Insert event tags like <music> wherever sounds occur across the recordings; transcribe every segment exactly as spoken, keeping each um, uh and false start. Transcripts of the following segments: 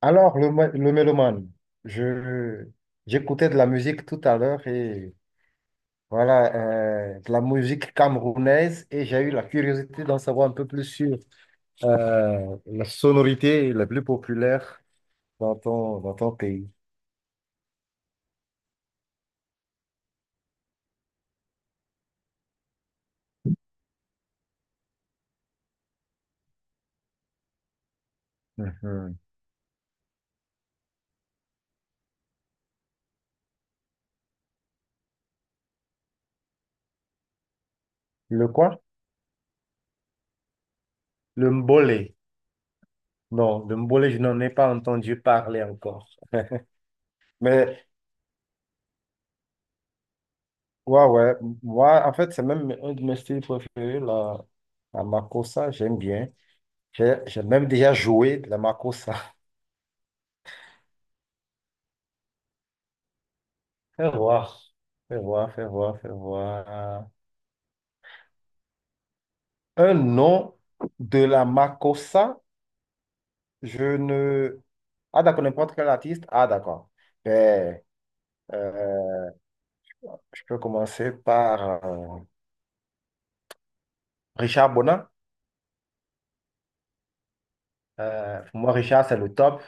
Alors, le, ma- le mélomane, je, j'écoutais de la musique tout à l'heure et voilà, euh, de la musique camerounaise et j'ai eu la curiosité d'en savoir un peu plus sur euh, la sonorité la plus populaire dans ton, dans ton pays. Mhm. Le quoi? Le mbolé. Non, le mbolé, je n'en ai pas entendu parler encore. Mais ouais, ouais, moi, en fait, c'est même un de mes styles préférés, la, la makossa, j'aime bien. J'ai j'ai même déjà joué de la makossa. Fais voir, fais voir, fais voir, fais voir. Un nom de la makossa, je ne... Ah d'accord, n'importe quel artiste. Ah d'accord. Ben, euh, je peux commencer par euh, Richard Bonin. Euh, pour moi, Richard, c'est le top.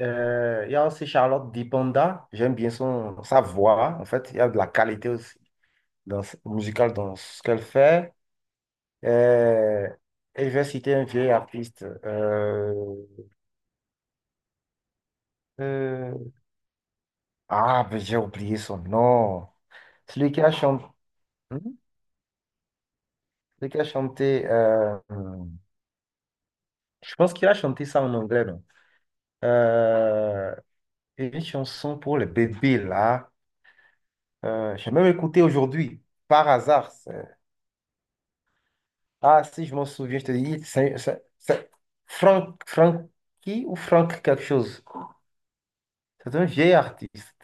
Euh, Il y a aussi Charlotte Dipanda. J'aime bien son, sa voix. En fait, il y a de la qualité aussi dans, ce- musicale dans ce qu'elle fait. Euh, et je vais citer un vieil artiste. Euh, euh, Ah, mais j'ai oublié son nom. Celui qui a chanté, celui qui a chanté, euh, hum, je pense qu'il a chanté ça en anglais, non? Euh, une chanson pour les bébés, là. Euh, j'ai même écouté aujourd'hui, par hasard. c'est- Ah, si je m'en souviens, je te dis, c'est c'est- c'est Frank, Frankie ou Frank quelque chose. C'est un vieil artiste.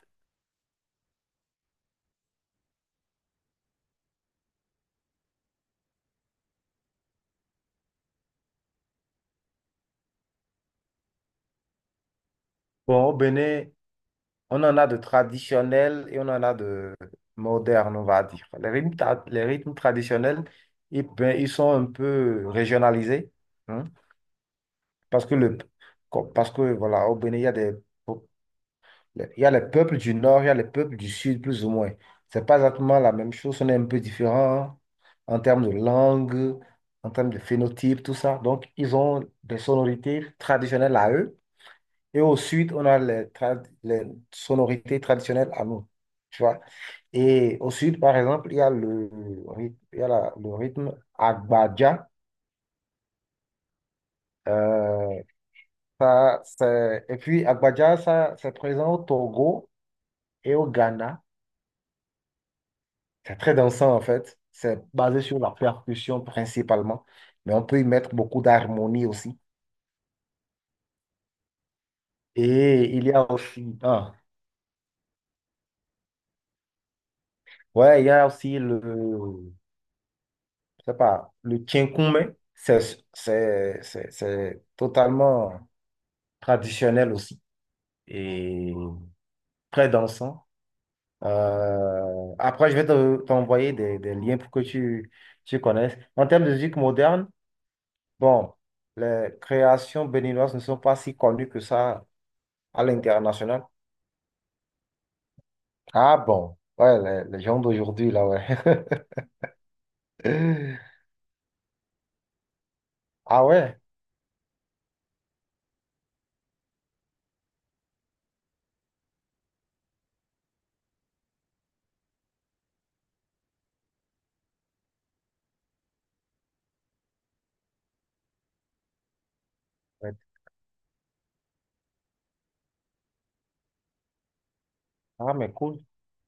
Bon, au Bénin, on en a de traditionnels et on en a de modernes, on va dire. Les rythmes, tra- les rythmes traditionnels, ils, ben, ils sont un peu régionalisés, hein, parce que, le, co- parce que voilà, au Bénin, il y a des, po- il y a les peuples du nord, il y a les peuples du sud, plus ou moins. C'est pas exactement la même chose, on est un peu différent en termes de langue, en termes de phénotype, tout ça. Donc, ils ont des sonorités traditionnelles à eux. Et au sud, on a les, trad- les sonorités traditionnelles à nous. Tu vois? Et au sud, par exemple, il y a le rythme, il y a la- le rythme Agbaja. Euh, ça, c'est- et puis, Agbaja, ça, c'est présent au Togo et au Ghana. C'est très dansant, en fait. C'est basé sur la percussion principalement. Mais on peut y mettre beaucoup d'harmonie aussi. Et il y a aussi, ah, ouais, il y a aussi le je sais pas, le kinkume, c'est c'est- c'est- c'est totalement traditionnel aussi et très dansant. Euh, après, je vais te- t'envoyer des, des liens pour que tu, tu connaisses. En termes de musique moderne, bon, les créations béninoises ne sont pas si connues que ça à l'international. Ah bon, ouais, les, les gens d'aujourd'hui, là, ouais. <laughs> Ah ouais. Ah, mais cool.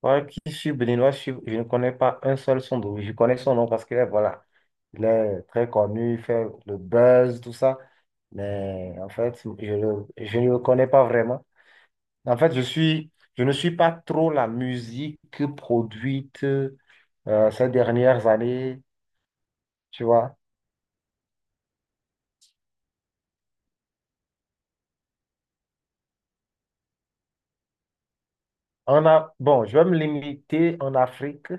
Ouais, qui suit Benoît, je, suis- je ne connais pas un seul son de lui. Je connais son nom parce que, voilà, il est très connu, il fait le buzz, tout ça. Mais en fait, je, le- je ne le connais pas vraiment. En fait, je suis, je ne suis pas trop la musique produite euh, ces dernières années, tu vois. On a, bon, je vais me limiter en Afrique,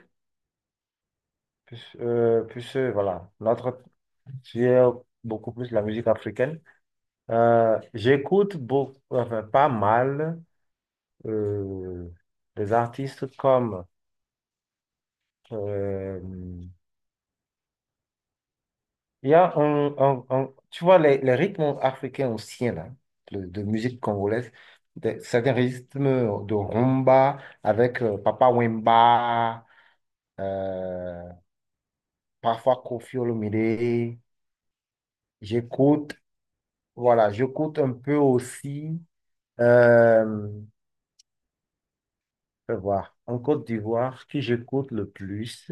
puisque, euh, puisque, voilà, notre, j'ai beaucoup plus la musique africaine. Euh, j'écoute beaucoup, enfin, pas mal euh, des artistes comme euh, il y a un, un- un- tu vois les, les rythmes africains anciens là, de, de musique congolaise, des- certains rythmes de rumba avec euh, Papa Wemba, euh, parfois Koffi Olomide. J'écoute, voilà, j'écoute un peu aussi. Euh, je vais voir, en Côte d'Ivoire, qui j'écoute le plus.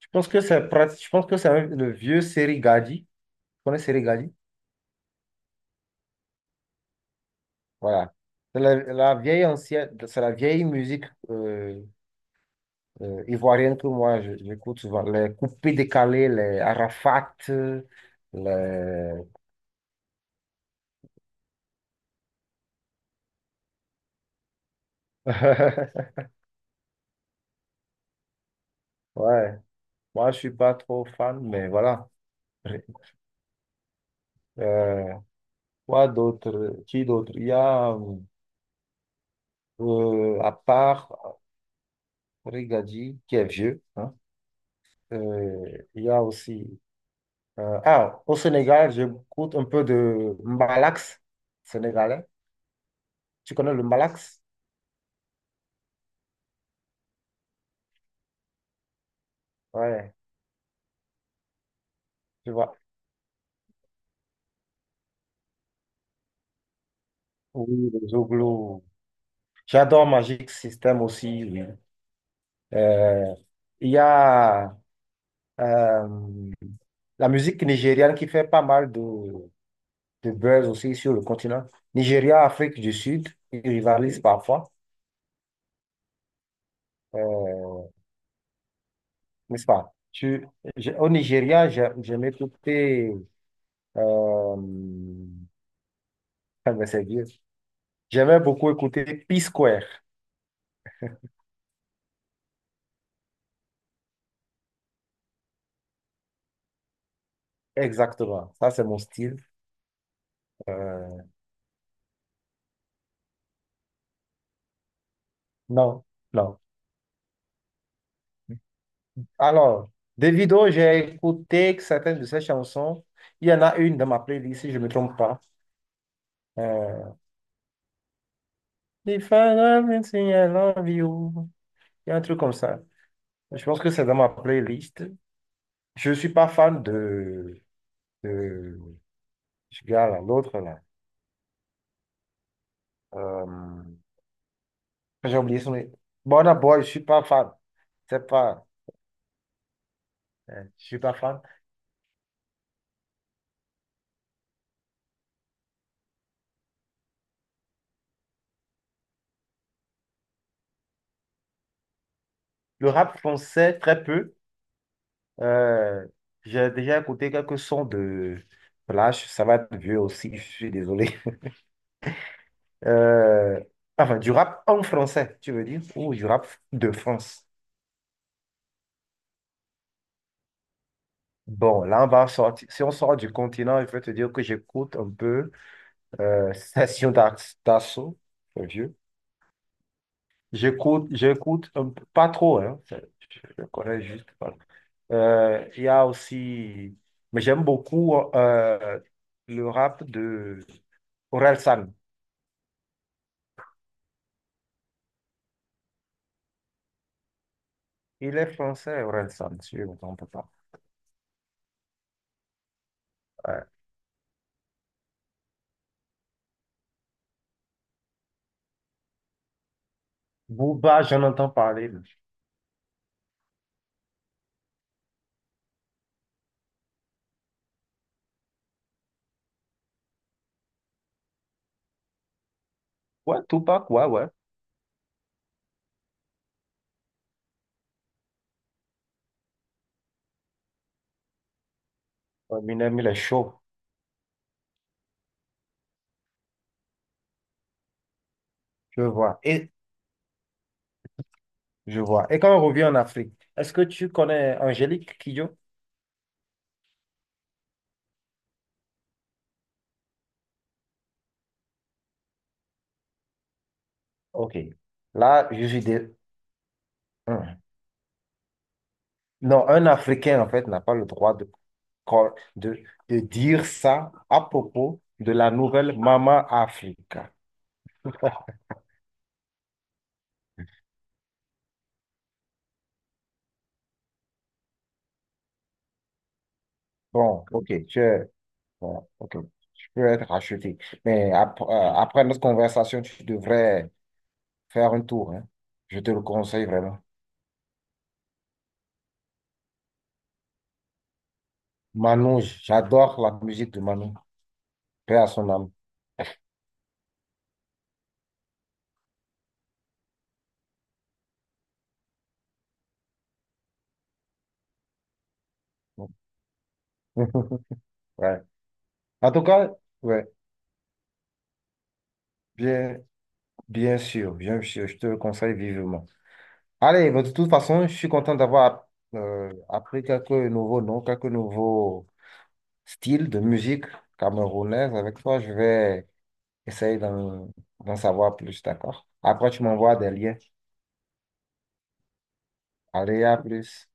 Je pense que c'est prat Je pense que c'est un- le vieux Serigadi. Tu connais Serigadi? Voilà. C'est la, la vieille ancienne, c'est la vieille musique euh, euh, ivoirienne que moi je- j'écoute souvent. Les coupés décalés, les Arafat, les... <laughs> Ouais. Moi, je suis pas trop fan, mais voilà. Euh, quoi d'autre? Qui d'autre? Il y a, euh, à part Serigadi, qui est vieux, hein, euh, il y a aussi. Euh, ah, au Sénégal, j'écoute un peu de Mbalax sénégalais. Tu connais le Mbalax? Ouais, tu vois. Oui, les Zouglo. J'adore Magic System aussi. Oui. Euh, il y a euh, la musique nigériane qui fait pas mal de, de buzz aussi sur le continent. Nigeria, Afrique du Sud, ils rivalisent parfois, euh, n'est-ce pas? Tu, j'ai- au Nigeria, j'ai- j'aime écouter. Euh, ah ben, c'est vieux. J'aimais beaucoup écouter P-Square. Exactement. Ça, c'est mon style. Euh, non, non. Alors, Davido, j'ai écouté certaines de ses chansons. Il y en a une dans ma playlist, si je ne me trompe pas. Euh, If I love you, say I love you. Il y a un truc comme ça. Je pense que c'est dans ma playlist. Je ne suis pas fan de, de ce gars-là, l'autre là. Euh, j'ai oublié son nom. Burna Boy, je ne suis pas fan. C'est pas. euh, Je ne suis pas fan. Le rap français, très peu. Euh, j'ai déjà écouté quelques sons de Flash, ça va être vieux aussi, <laughs> je suis désolé. Euh, enfin, du rap en français, tu veux dire, ou du rap de France. Bon, là, on va sortir. Si on sort du continent, je vais te dire que j'écoute un peu euh, Session d'Ar- d'Assaut, le vieux. J'écoute, j'écoute un peu- pas trop, hein, c'est- je le connais juste. Voilà. Euh, il y a aussi, mais j'aime beaucoup euh, le rap de Orelsan. Il est français, Orelsan, si je ne me trompe pas. Ouais. Booba, j'en entends parler. Mais... Ouais, Tupac, ouais, ouais. Eminem, il est chaud, je vois. Et, je vois. Et quand on revient en Afrique, est-ce que tu connais Angélique Kidjo? Ok. Là, je suis des... Non, un Africain, en fait, n'a pas le droit de, cor- de, de dire ça à propos de la nouvelle Maman Africa. Bon, ok, tu es, voilà, ok, tu peux être racheté. Mais ap- euh, après notre conversation, tu devrais faire un tour, hein. Je te le conseille vraiment. Manon, j'adore la musique de Manon. Paix à son âme. <laughs> Ouais. En tout cas, ouais, bien, bien sûr, bien sûr, je te le conseille vivement. Allez, mais de toute façon, je suis content d'avoir euh, appris quelques nouveaux noms, quelques nouveaux styles de musique camerounaise avec toi. Je vais essayer d'en d'en savoir plus, d'accord? Après, tu m'envoies des liens. Allez, à plus.